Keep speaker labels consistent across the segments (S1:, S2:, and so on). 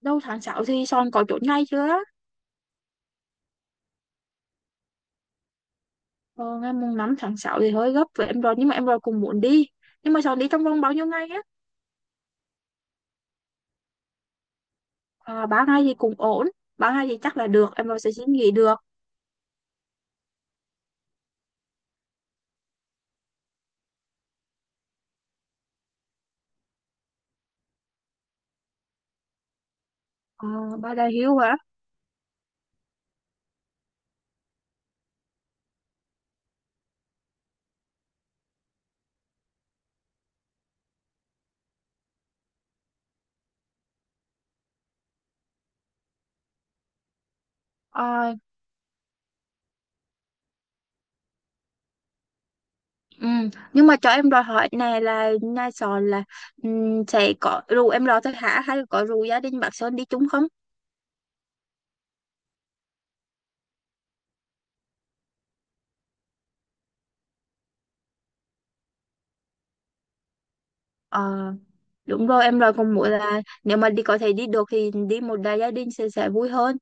S1: Đâu tháng 6 thì Son có chốt ngày chưa? Ờ, ngày mùng 5 tháng 6 thì hơi gấp với em rồi nhưng mà em rồi cũng muốn đi. Nhưng mà Son đi trong vòng bao nhiêu ngày á? À, 3 ngày thì cũng ổn. 3 ngày thì chắc là được, em rồi sẽ xin nghỉ được. Ờ, ba đại hiếu hả? Ờ, ừ. Nhưng mà cho em đòi hỏi này là nhà Son là sẽ có rủ em rồi thôi hả? Hay là có rủ gia đình bác Sơn đi chung không? Ờ, đúng rồi em rồi cũng muốn là nếu mà đi có thể đi được thì đi một đại gia đình sẽ vui hơn.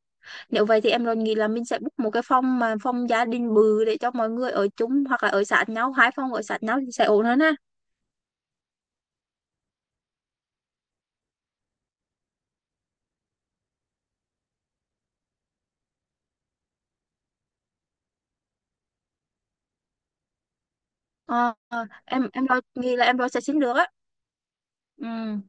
S1: Nếu vậy thì em luôn nghĩ là mình sẽ book một cái phòng mà phòng gia đình bự để cho mọi người ở chung hoặc là ở sát nhau, hai phòng ở sát nhau thì sẽ ổn hơn ha. Ờ, ờ, em lo nghĩ là em lo sẽ xin được á. Ừ.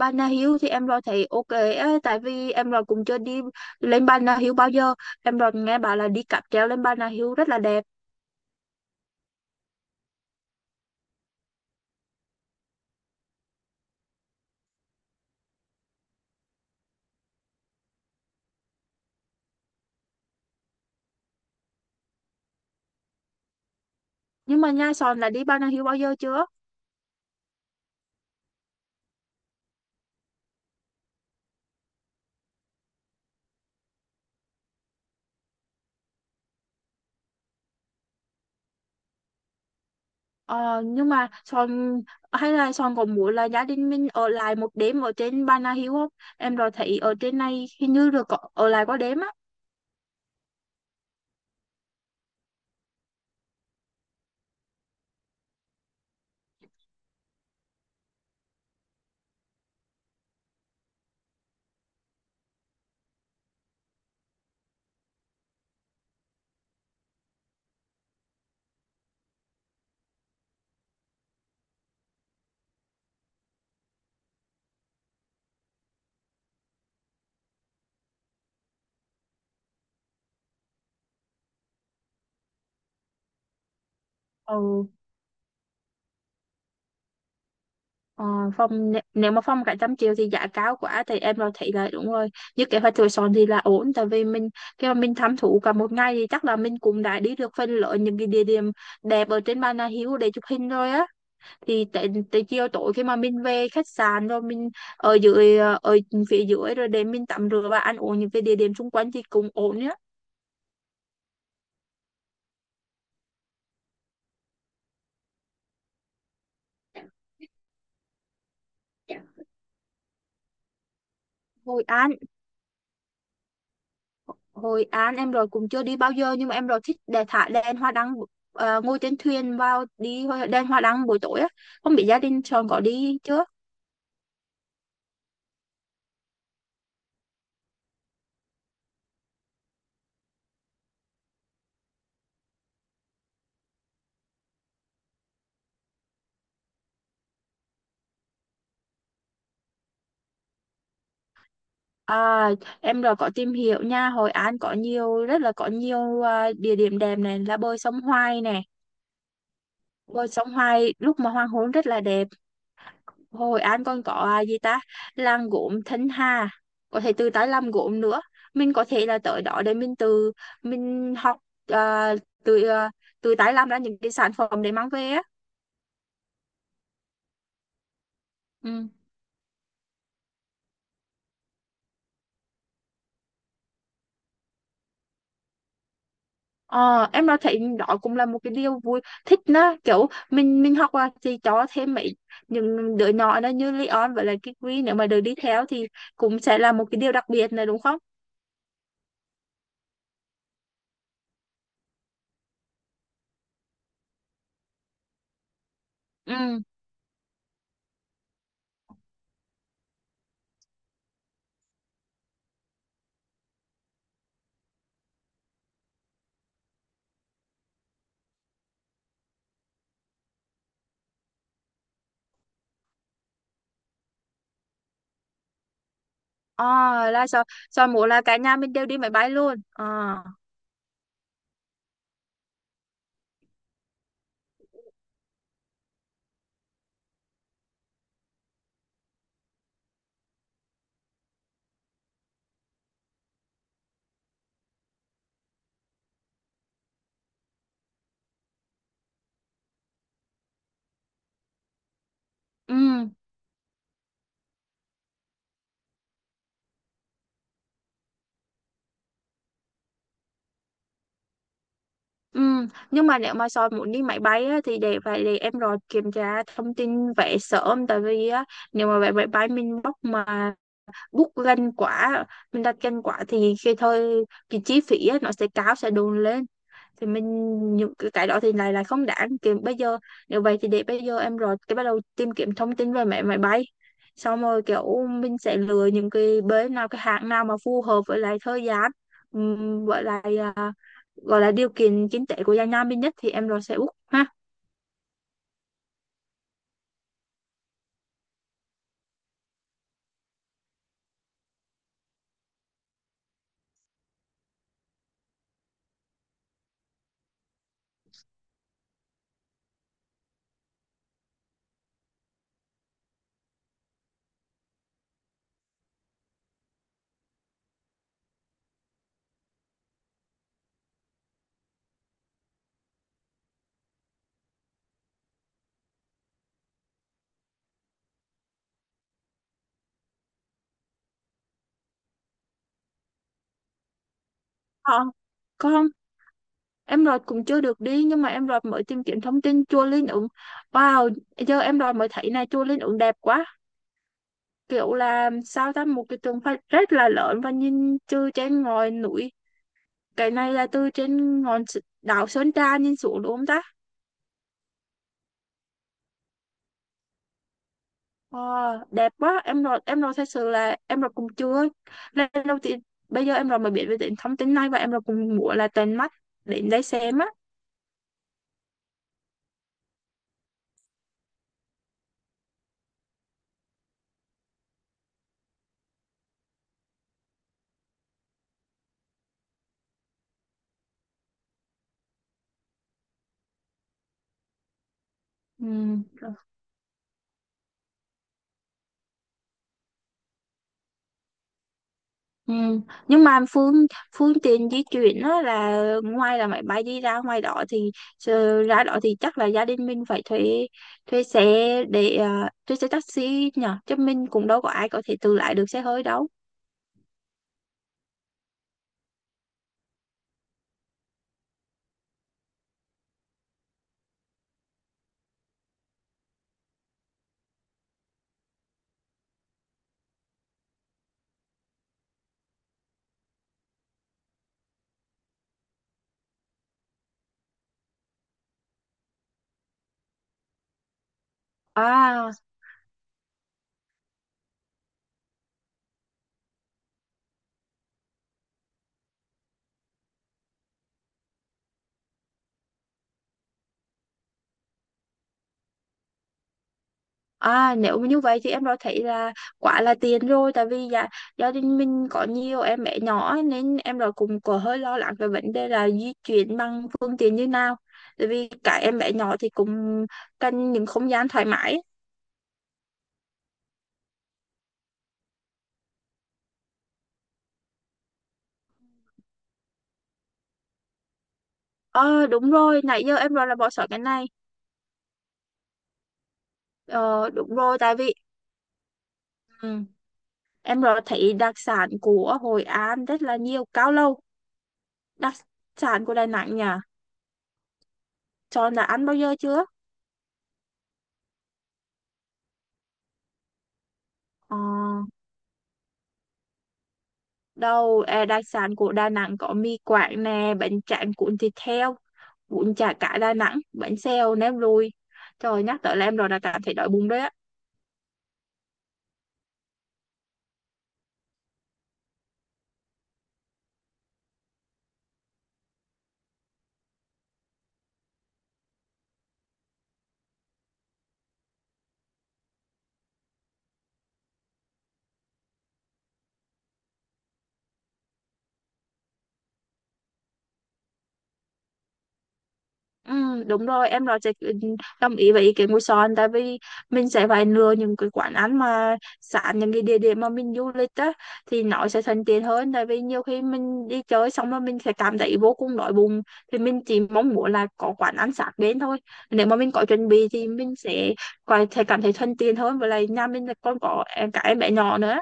S1: Bà Nà Hills thì em lo thấy ok á, tại vì em lo cũng chưa đi lên Bà Nà Hills bao giờ. Em lo nghe bảo là đi cáp treo lên Bà Nà Hills rất là đẹp. Nhưng mà Nha Sòn là đi Bà Nà Hills bao giờ chưa? Ờ, nhưng mà Son hay là Son có muốn là gia đình mình ở lại một đêm ở trên Bà Nà Hills không? Em rồi thấy ở trên này hình như được có, ở lại có đêm á. Ừ, ờ, phòng nè- nếu mà phòng cả trăm triệu thì giá cao quá thì em rồi thấy là đúng rồi. Như kế hoạch của Son thì là ổn tại vì mình khi mà mình thám thú cả một ngày thì chắc là mình cũng đã đi được phần lớn những cái địa điểm đẹp ở trên Bà Nà Hills để chụp hình rồi á. Thì tại tại chiều tối khi mà mình về khách sạn rồi mình ở dưới ở phía dưới rồi để mình tắm rửa và ăn uống những cái địa điểm xung quanh thì cũng ổn nhá. Hội An, Hội An em rồi cũng chưa đi bao giờ nhưng mà em rồi thích để thả đèn hoa đăng, ngồi trên thuyền vào đèn hoa đăng buổi tối á, không biết gia đình chồng có đi chưa. à, em rồi có tìm hiểu nha Hội An có nhiều rất là có nhiều địa điểm đẹp này là bơi sông Hoài này, bơi sông Hoài lúc mà hoàng hôn rất là đẹp. Hồi anh còn có à, gì ta? Làng gốm Thanh Hà. Có thể từ tới làm gốm nữa. Mình có thể là tới đó để mình từ mình học à, từ từ tái làm ra những cái sản phẩm để mang về á. Ừ. Ờ, em đã thấy đó cũng là một cái điều vui thích đó kiểu mình học à, thì cho thêm mấy những đứa nhỏ đó như Leon với lại Kikri nếu mà được đi theo thì cũng sẽ là một cái điều đặc biệt này đúng không? Ừ. Ờ, là sao? Sao mỗi là cả nhà mình đều đi máy bay luôn. Ờ. Ừ. Ừ, nhưng mà nếu mà soi muốn đi máy bay á, thì để phải để em rồi kiểm tra thông tin vé sớm tại vì á, nếu mà vé máy bay mình book mà bút lên quả mình đặt trên quả thì khi thôi cái chi phí á, nó sẽ cao sẽ đồn lên thì mình những cái đó thì lại là không đáng kiếm bây giờ. Nếu vậy thì để bây giờ em rồi cái bắt đầu tìm kiếm thông tin về mẹ máy bay, xong rồi kiểu mình sẽ lựa những cái bến nào cái hãng nào mà phù hợp với lại thời gian với lại gọi là điều kiện kinh tế của gia nhà mình nhất thì em rồi sẽ book ha. Ờ, có. Em Rọt cũng chưa được đi nhưng mà em Rọt mới tìm kiếm thông tin chùa Linh Ứng. Wow, giờ em Rọt mới thấy này chùa Linh Ứng đẹp quá, kiểu là sao ta một cái tượng Phật rất là lớn và nhìn từ trên ngọn núi. Cái này là từ trên ngọn S- đảo Sơn Trà nhìn xuống đúng không ta? Wow, đẹp quá, em Rọt thật sự là em Rọt cũng chưa lần đầu tiên, bây giờ em Rọt mới biết về đến thông tin này và em Rọt cũng muốn là tận mắt đến đây xem á. Ừ. Ừ. Nhưng mà phương phương tiện di chuyển đó là ngoài là máy bay đi ra ngoài đó thì ra đó thì chắc là gia đình mình phải thuê thuê xe để thuê xe taxi nhở chứ mình cũng đâu có ai có thể tự lái được xe hơi đâu. À à, nếu mà như vậy thì em đã thấy là quá là tiền rồi tại vì gia, gia đình mình có nhiều em bé nhỏ ấy, nên em đã cũng có hơi lo lắng về vấn đề là di chuyển bằng phương tiện như nào, tại vì cả em bé nhỏ thì cũng cần những không gian thoải mái ấy. Ờ đúng rồi, nãy giờ em rồi là bỏ sót cái này. Ờ đúng rồi, tại vì ừ, em rồi thấy đặc sản của Hội An rất là nhiều cao lầu. Đặc sản của Đà Nẵng nhỉ? Cho là ăn bao giờ chưa? Ờ đâu, à, đặc sản của Đà Nẵng có mì Quảng nè, bánh tráng cuốn thịt heo, bún chả cá Đà Nẵng, bánh xèo, nem lùi. Trời nhắc tới là em rồi là cảm thấy đói bụng đấy á. Ừ, đúng rồi em nói sẽ đồng ý với ý kiến của Son, tại vì mình sẽ phải lựa những cái quán ăn mà sẵn những cái địa điểm mà mình du lịch á thì nó sẽ thuận tiện hơn, tại vì nhiều khi mình đi chơi xong rồi mình sẽ cảm thấy vô cùng đói bụng thì mình chỉ mong muốn là có quán ăn sẵn đến thôi. Nếu mà mình có chuẩn bị thì mình sẽ có thể cảm thấy thuận tiện hơn với lại nhà mình là còn có em cả em bé nhỏ nữa.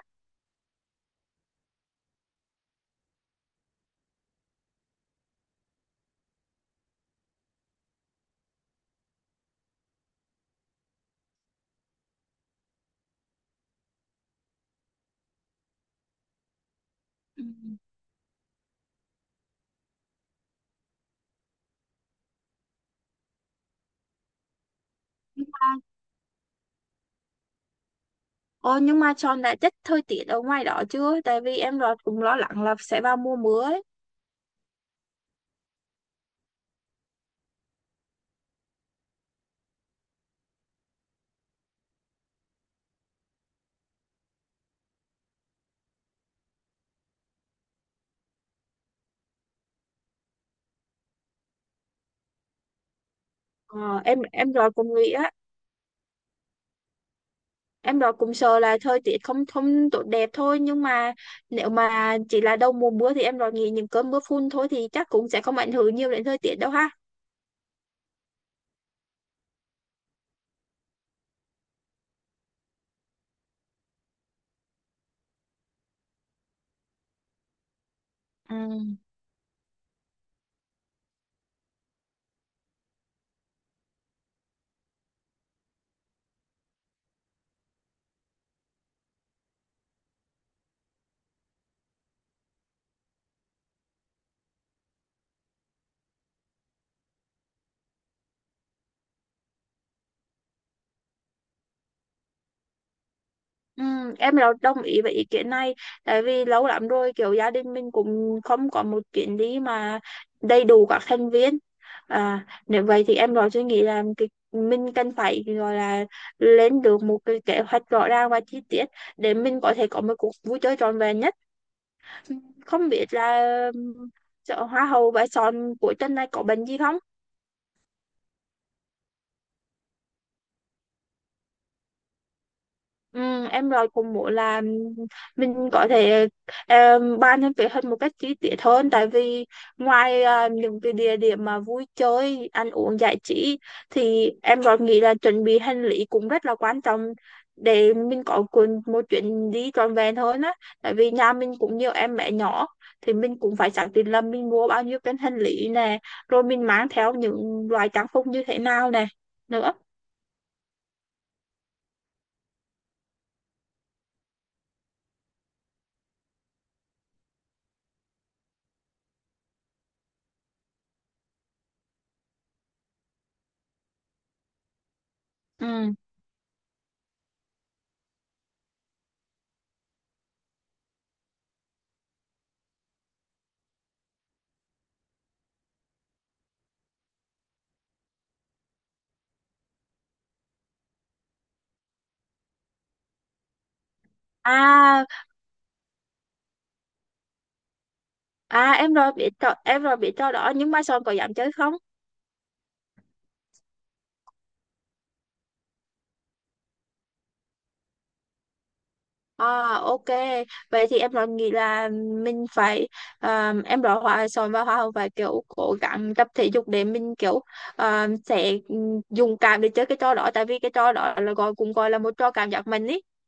S1: Ừ. nhưng mà Ồ, nhưng mà Son đã chắc thời tiết ở ngoài đó chưa? Tại vì em lo cũng lo lắng là sẽ vào mùa mưa ấy. Ờ, em rồi cũng nghĩ á, em rồi cũng sợ là thời tiết không không tốt đẹp thôi nhưng mà nếu mà chỉ là đầu mùa mưa thì em rồi nghĩ những cơn mưa phùn thôi thì chắc cũng sẽ không ảnh hưởng nhiều đến thời tiết đâu ha. Ừ. Ừ, em rồi đồng ý với ý kiến này, tại vì lâu lắm rồi kiểu gia đình mình cũng không có một chuyến đi mà đầy đủ các thành viên. Nếu vậy thì em rồi suy nghĩ là cái mình cần phải gọi là lên được một cái kế hoạch rõ ràng và chi tiết để mình có thể có một cuộc vui chơi trọn vẹn nhất. Không biết là um, chợ hoa hậu Bãi Son cuối tuần này có bệnh gì không? Ừ, em rồi cũng muốn là mình có thể bàn thêm kế hoạch một cách chi tiết hơn, tại vì ngoài những cái địa điểm mà vui chơi ăn uống giải trí thì em rồi nghĩ là chuẩn bị hành lý cũng rất là quan trọng để mình có cuốn- một chuyến đi trọn vẹn hơn á, tại vì nhà mình cũng nhiều em bé nhỏ thì mình cũng phải xác định là mình mua bao nhiêu cái hành lý nè, rồi mình mang theo những loại trang phục như thế nào nè nữa. Ừ. À. À em rồi bị trò, em rồi bị trò đỏ nhưng mai sau em có dám chơi không? À, ok, vậy thì em rồi nghĩ là mình phải em rồi hòa sòn và hoa hồng phải kiểu cố gắng tập thể dục để mình kiểu sẽ dùng cảm để chơi cái trò đỏ, tại vì cái trò đỏ là gọi cũng gọi là một trò cảm giác mạnh ý.